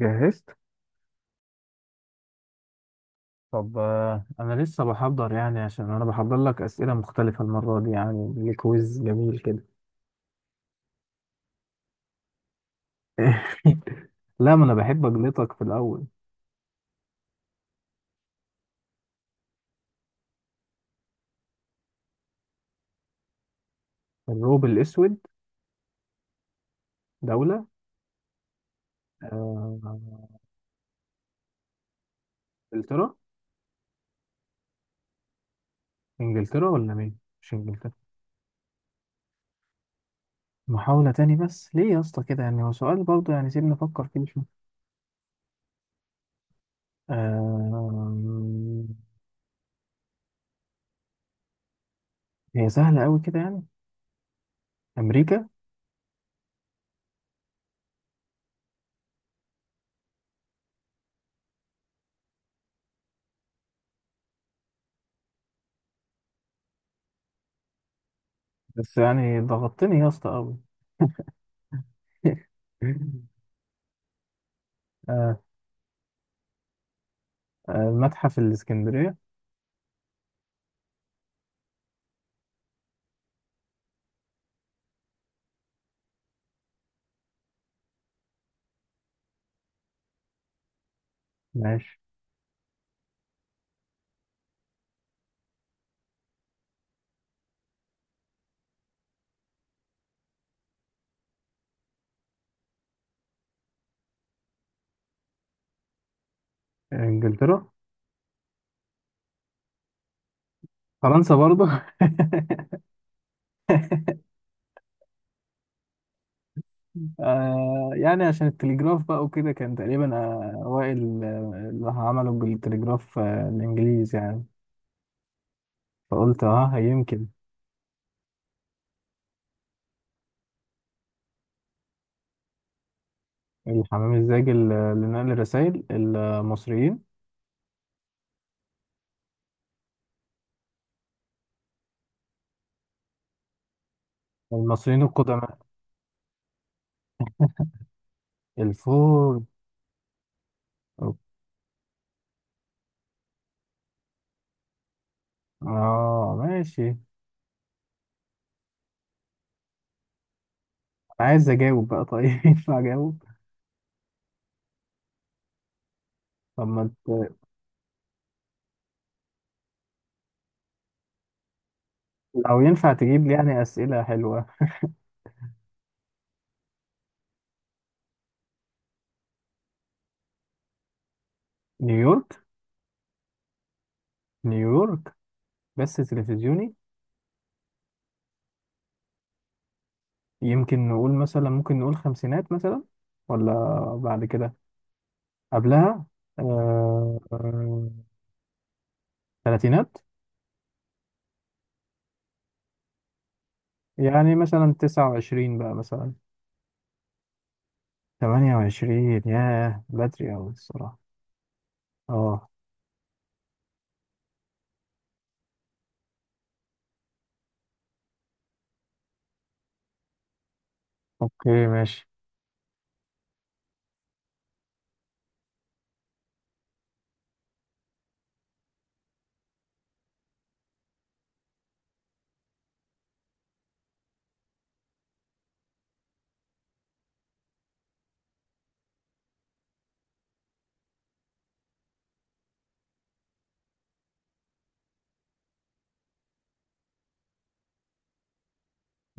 جهزت. طب، انا لسه بحضر يعني، عشان انا بحضر لك اسئله مختلفه المره دي، يعني ليه كويز جميل كده. لا، ما انا بحب اجلطك في الاول. الروب الاسود. دوله. آه، انجلترا. انجلترا ولا مين؟ مش انجلترا؟ محاوله تاني، بس ليه يا اسطى كده؟ يعني هو سؤال برضه، يعني سيبني افكر فيه شويه. آه، هي سهله قوي كده يعني؟ امريكا. بس يعني ضغطتني يا اسطى قوي. آه، متحف الاسكندريه. ماشي. انجلترا. فرنسا برضو. يعني عشان التليجراف بقى وكده، كان تقريبا اوائل، اللي عملوا بالتليجراف الانجليز يعني. فقلت اه، يمكن. الحمام الزاجل، لنقل الرسائل، المصريين. المصريين القدماء. الفور. اه، ماشي. عايز اجاوب بقى، طيب؟ ينفع اجاوب؟ طب ما انت، لو ينفع تجيب لي يعني اسئله حلوه. نيويورك. نيويورك، بس تلفزيوني؟ يمكن نقول مثلا، ممكن نقول خمسينات مثلا؟ ولا بعد كده؟ قبلها. آه، آه، تلاتينات. يعني مثلا 29 بقى مثلا. 28؟ ياه، بدري أوي الصراحة. اه. اوكي ماشي.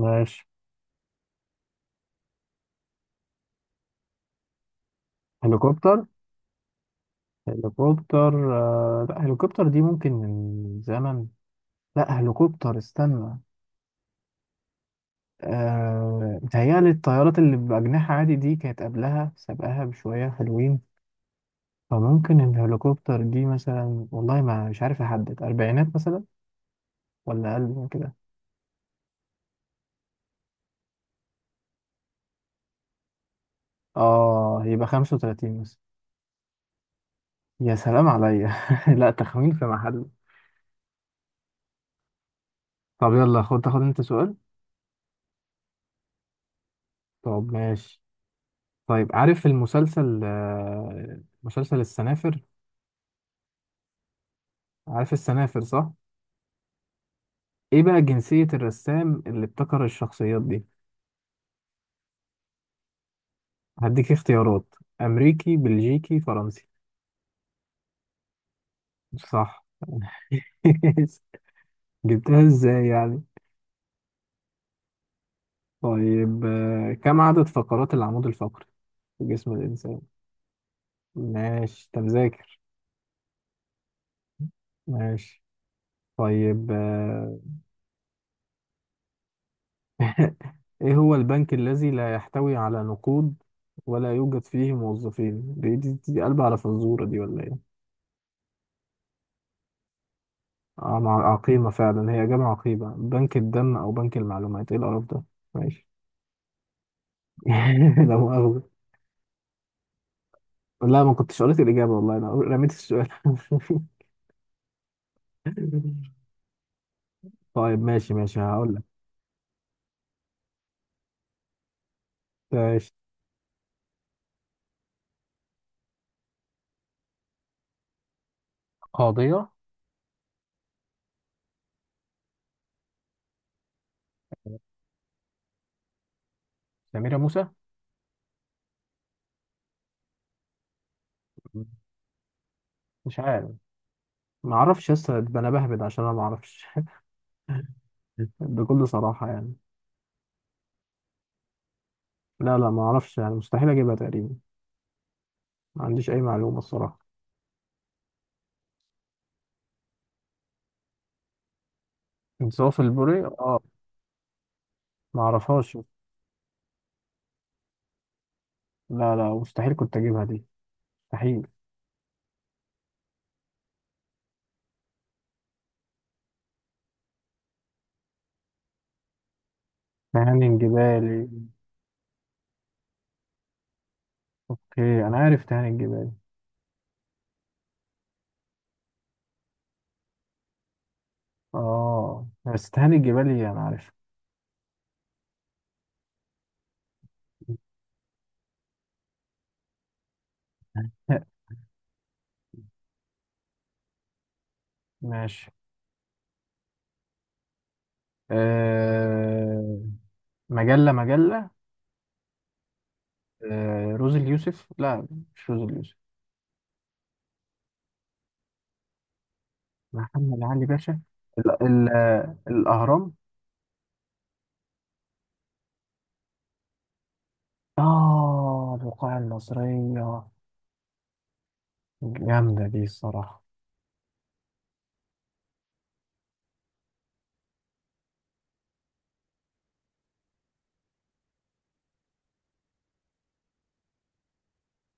ماشي. هليكوبتر. هليكوبتر. لا، هليكوبتر دي ممكن من زمن. لا، هليكوبتر، استنى. متهيألي الطيارات اللي بأجنحة عادي دي كانت قبلها، سابقاها بشوية حلوين. فممكن الهليكوبتر دي مثلا، والله ما مش عارف أحدد، أربعينات مثلا؟ ولا أقل من كده؟ يبقى 35 مثلا. يا سلام عليا. لا، تخمين في محله. طب يلا، خد، تاخد أنت سؤال. طب ماشي. طيب، عارف المسلسل، مسلسل السنافر؟ عارف السنافر صح؟ إيه بقى جنسية الرسام اللي ابتكر الشخصيات دي؟ هديك اختيارات: أمريكي، بلجيكي، فرنسي. صح. جبتها ازاي يعني؟ طيب، كم عدد فقرات العمود الفقري في جسم الإنسان؟ ماشي، أنت مذاكر. ماشي. طيب. إيه هو البنك الذي لا يحتوي على نقود ولا يوجد فيه موظفين؟ دي قلبة على فزورة دي ولا إيه؟ مع عقيمة فعلا، هي جامعة عقيمة، بنك الدم أو بنك المعلومات، إيه القرف ده؟ ماشي. لا مؤاخذة. لا، ما كنتش قريت الإجابة والله، أنا رميت السؤال. طيب. ماشي ماشي، هقول لك. ماشي. قاضية. سميرة موسى. مش عارف، ما اعرفش يا اسطى، ده انا بهبد عشان انا ما اعرفش. بكل صراحة يعني. لا لا، ما اعرفش يعني، مستحيل اجيبها تقريبا. ما عنديش اي معلومة الصراحة. انصاف البوري. اه، ما اعرفهاش. لا لا، مستحيل كنت اجيبها دي، مستحيل. تهاني الجبالي. اوكي، انا عارف تهاني الجبالي. اه، بس تهاني الجبالي انا عارف. ماشي. آه... مجلة، مجلة. روز اليوسف؟ لا، مش روز اليوسف. محمد علي باشا. ال ال الأهرام الوقاية المصرية. جامدة دي الصراحة.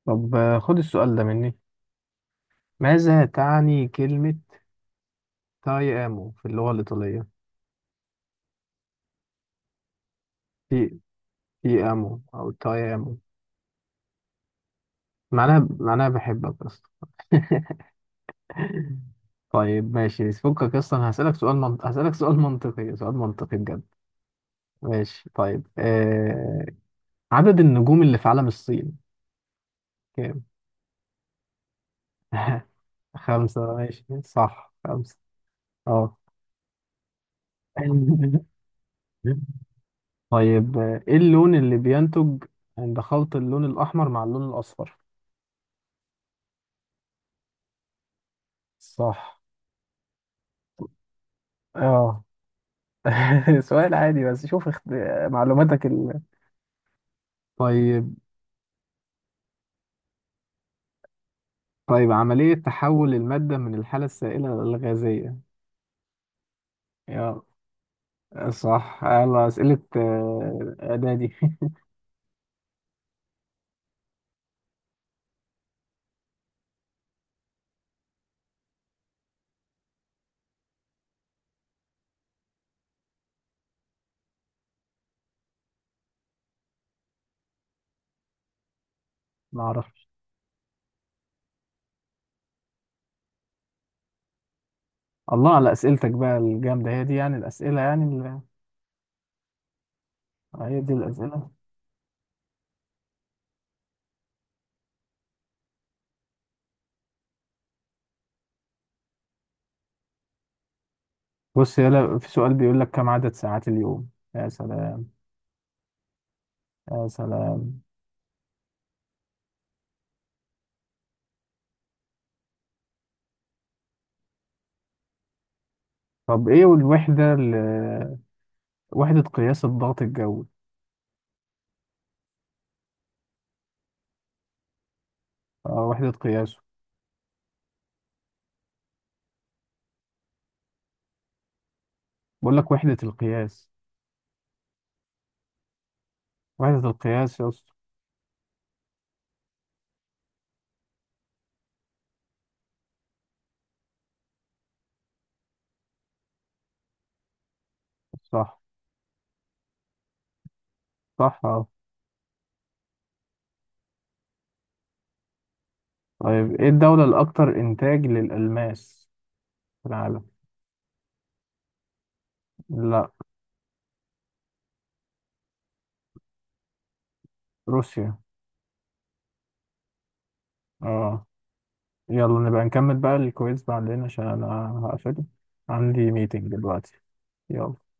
طب، خد السؤال ده مني. ماذا تعني كلمة تايامو في اللغة الإيطالية؟ تي تيامو أو تايامو. معناها بحبك أصلا. طيب ماشي، فكك أصلا. هسألك سؤال منطقي، سؤال منطقي بجد. ماشي. طيب. عدد النجوم اللي في علم الصين كام؟ خمسة؟ ماشي صح، خمسة. اه. طيب، ايه اللون اللي بينتج عند خلط اللون الأحمر مع اللون الأصفر؟ صح. اه. سؤال عادي، بس شوف معلوماتك. طيب. طيب، عملية تحول المادة من الحالة السائلة للغازية. يلا. صح، يلا أسئلة إعدادي. معرفش. الله على أسئلتك بقى الجامدة، هي دي يعني الأسئلة، يعني. هي دي الأسئلة. بص يلا، في سؤال بيقول لك كم عدد ساعات اليوم. يا سلام. يا سلام. طب ايه الوحدة، وحدة قياس الضغط الجوي؟ اه، وحدة قياسه. بقول لك وحدة القياس. وحدة القياس يا اسطى. صح. صح. اه. طيب، ايه الدولة الأكثر إنتاج للألماس في العالم؟ لا. روسيا. اه. يلا، نبقى نكمل بقى الكويز بعدين، عشان انا هقفل، عندي ميتنج دلوقتي. يلا.